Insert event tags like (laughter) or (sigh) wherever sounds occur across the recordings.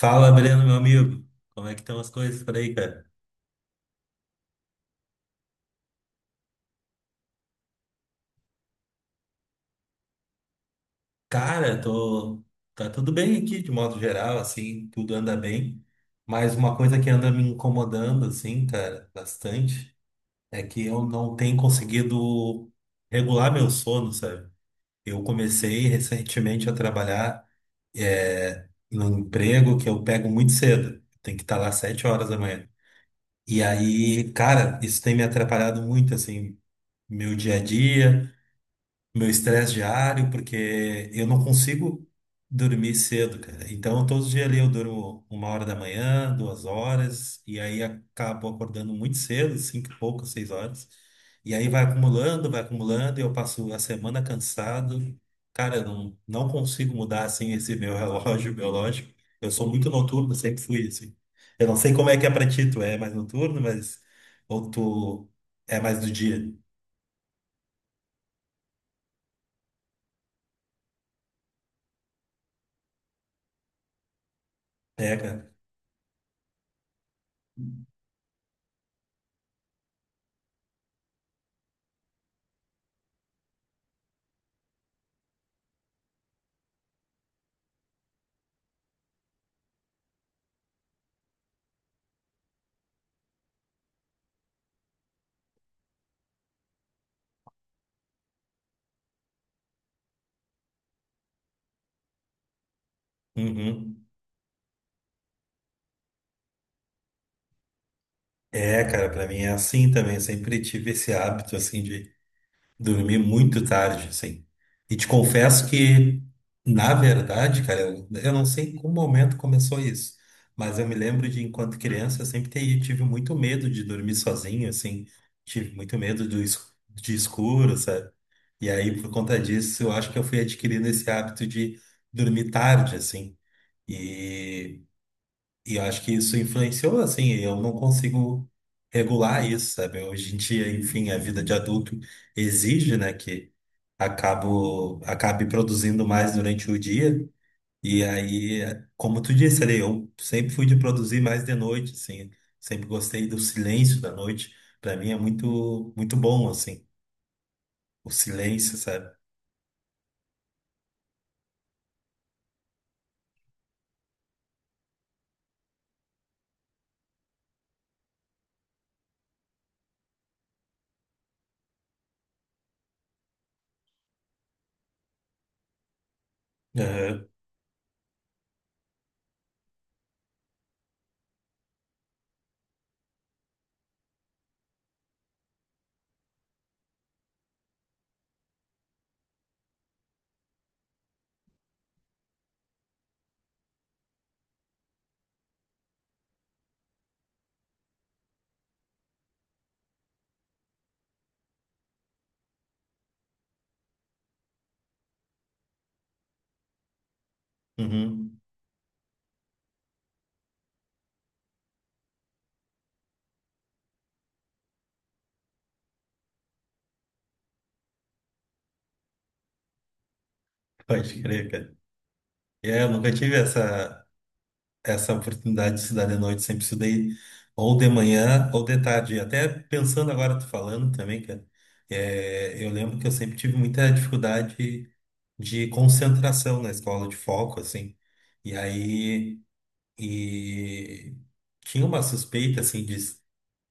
Fala, Breno, meu amigo. Como é que estão as coisas por aí, cara? Cara, tô... tá tudo bem aqui, de modo geral, assim, tudo anda bem. Mas uma coisa que anda me incomodando, assim, cara, bastante, é que eu não tenho conseguido regular meu sono, sabe? Eu comecei recentemente a trabalhar num emprego que eu pego muito cedo. Tem que estar lá sete horas da manhã. E aí, cara, isso tem me atrapalhado muito, assim, meu dia a dia. Meu estresse diário, porque eu não consigo dormir cedo, cara. Então, todos os dias ali eu durmo uma hora da manhã, duas horas, e aí acabo acordando muito cedo, cinco e pouco, seis horas. E aí vai acumulando, e eu passo a semana cansado. Cara, eu não consigo mudar, assim, esse meu relógio (laughs) biológico. Eu sou muito noturno, sempre fui, assim. Eu não sei como é que é pra ti, tu é mais noturno, mas... Ou tu é mais do dia. É, cara. Uhum. É, cara, pra mim é assim também. Eu sempre tive esse hábito, assim, de dormir muito tarde, assim. E te confesso que, na verdade, cara, eu não sei em qual momento começou isso, mas eu me lembro de, enquanto criança, eu sempre tive muito medo de dormir sozinho, assim. Tive muito medo do es- De escuro, sabe? E aí, por conta disso, eu acho que eu fui adquirindo esse hábito de dormir tarde, assim. E e eu acho que isso influenciou, assim, eu não consigo regular isso, sabe? Hoje em dia, enfim, a vida de adulto exige, né, que acabe produzindo mais durante o dia. E aí, como tu disse ali, eu sempre fui de produzir mais de noite, assim, sempre gostei do silêncio da noite. Para mim é muito, muito bom, assim, o silêncio, sabe? Aham, uhum. Pode crer, cara. É, eu nunca tive essa. Essa oportunidade de estudar de noite, sempre estudei ou de manhã ou de tarde. Até pensando agora, tu falando também, cara, é, eu lembro que eu sempre tive muita dificuldade de concentração na escola, de foco, assim. E aí, e tinha uma suspeita, assim, de,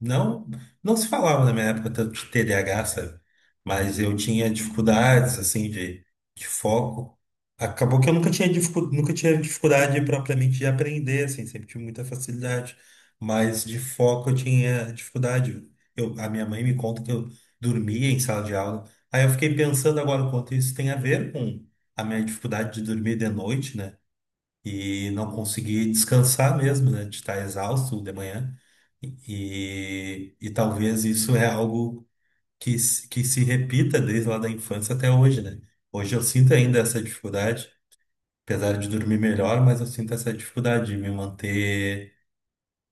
não, não se falava na minha época tanto de TDAH, sabe? Mas eu tinha dificuldades, assim, de foco. Acabou que eu nunca tinha, dificu- nunca tinha dificuldade propriamente de aprender, assim, sempre tive muita facilidade. Mas de foco eu tinha dificuldade. Eu, a minha mãe me conta que eu dormia em sala de aula. Aí eu fiquei pensando agora o quanto isso tem a ver com a minha dificuldade de dormir de noite, né? E não consegui descansar mesmo, né? De estar exausto de manhã. E talvez isso é algo que se repita desde lá da infância até hoje, né? Hoje eu sinto ainda essa dificuldade, apesar de dormir melhor, mas eu sinto essa dificuldade de me manter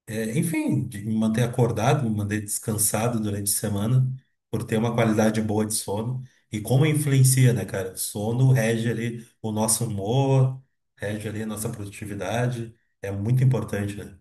é, enfim, de me manter acordado, me manter descansado durante a semana, por ter uma qualidade boa de sono. E como influencia, né, cara? O sono rege ali o nosso humor, rege ali a nossa produtividade. É muito importante, né?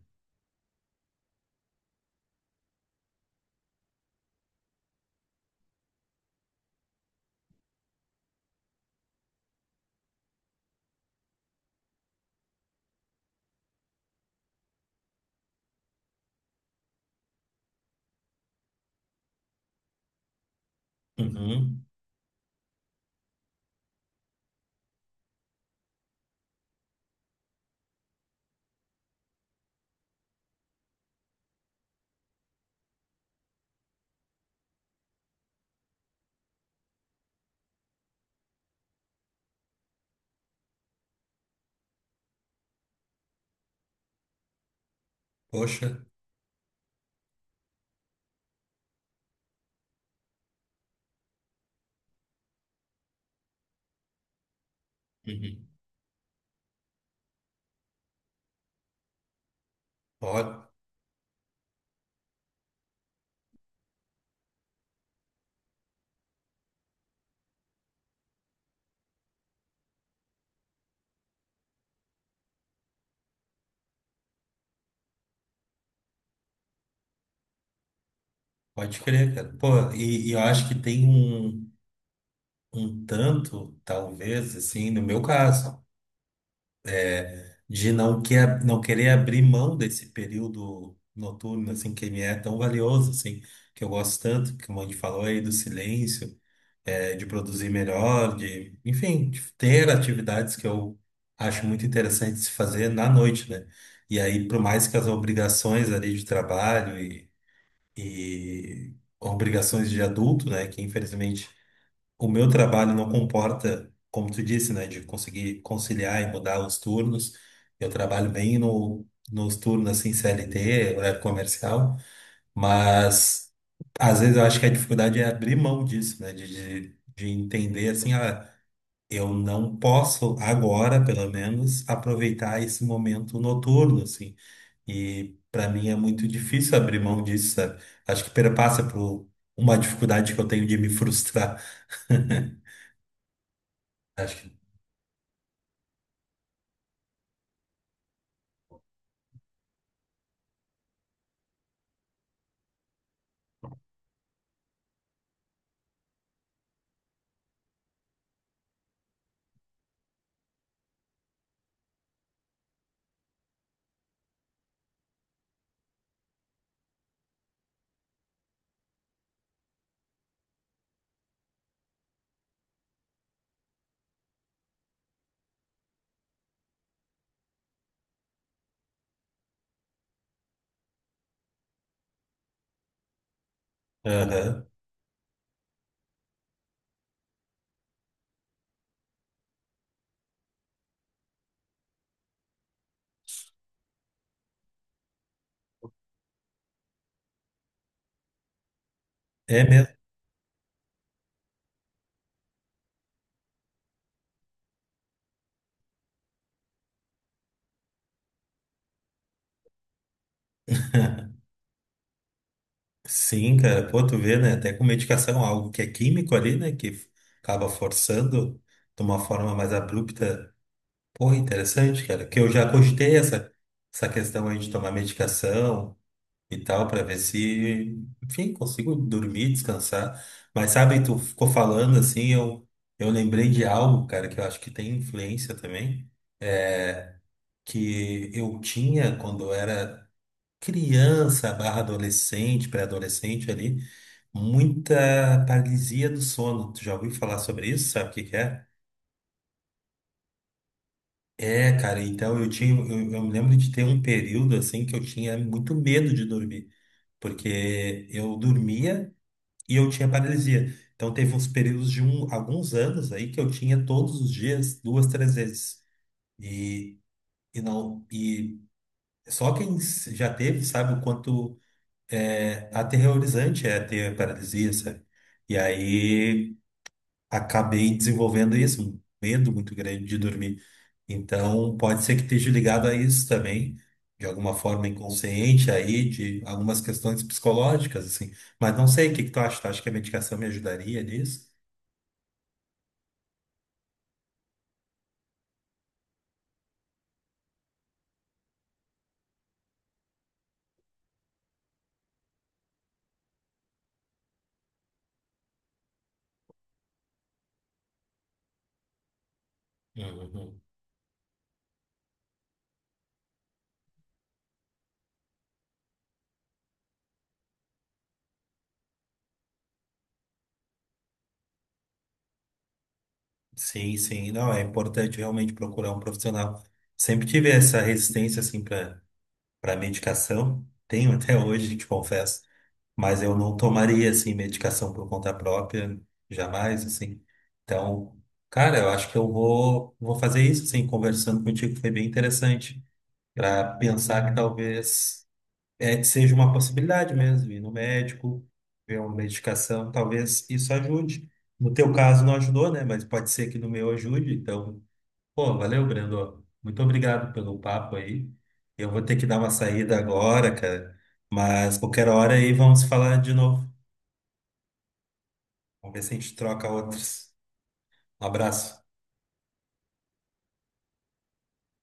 Uhum. Poxa. Uhum. Pode, Pode crer, cara. Pô, e eu acho que tem um, um tanto, talvez, assim, no meu caso. De não, que, não querer abrir mão desse período noturno, assim, que me é tão valioso, assim, que eu gosto tanto, que o a falou aí, do silêncio, é, de produzir melhor, de, enfim, de ter atividades que eu acho muito interessante se fazer na noite, né? E aí, por mais que as obrigações ali de trabalho e obrigações de adulto, né, que infelizmente o meu trabalho não comporta, como tu disse, né, de conseguir conciliar e mudar os turnos. Eu trabalho bem no, nos turnos assim CLT, horário comercial, mas às vezes eu acho que a dificuldade é abrir mão disso, né, de entender assim, ah, eu não posso agora, pelo menos, aproveitar esse momento noturno, assim. E para mim é muito difícil abrir mão disso, sabe? Acho que perpassa por uma dificuldade que eu tenho de me frustrar. (laughs) Acho que Aham. É mesmo. (laughs) Sim, cara. Pô, tu vê, né? Até com medicação, algo que é químico ali, né? Que acaba forçando de uma forma mais abrupta. Pô, interessante, cara. Que eu já cogitei essa, Essa questão aí de tomar medicação e tal, pra ver se, enfim, consigo dormir, descansar. Mas sabe, tu ficou falando assim, eu lembrei de algo, cara, que eu acho que tem influência também, que eu tinha quando eu era. Criança barra adolescente, pré-adolescente ali, muita paralisia do sono. Tu já ouviu falar sobre isso? Sabe o que que é? É, cara, então eu me lembro de ter um período assim que eu tinha muito medo de dormir, porque eu dormia e eu tinha paralisia. Então teve uns períodos de um, alguns anos aí que eu tinha todos os dias, duas, três vezes. E, e não, E já teve sabe o quanto é aterrorizante é ter paralisia, sabe? E aí acabei desenvolvendo isso, um medo muito grande de dormir. Então pode ser que esteja ligado a isso também, de alguma forma inconsciente aí, de algumas questões psicológicas, assim. Mas não sei, o que que tu acha? Tu acha que a medicação me ajudaria nisso? Uhum. Sim, sim, não, é importante realmente procurar um profissional. Sempre tive essa resistência, assim, para medicação. Tenho até hoje, te confesso. Mas eu não tomaria assim medicação por conta própria, jamais assim. Então, cara, eu acho que eu vou fazer isso assim, conversando contigo foi bem interessante para pensar que talvez é seja uma possibilidade mesmo ir no médico, ver uma medicação, talvez isso ajude. No teu caso não ajudou, né? Mas pode ser que no meu ajude. Então, pô, valeu, Brendo. Muito obrigado pelo papo aí. Eu vou ter que dar uma saída agora, cara. Mas qualquer hora aí vamos falar de novo. Vamos ver se a gente troca outros. Um abraço.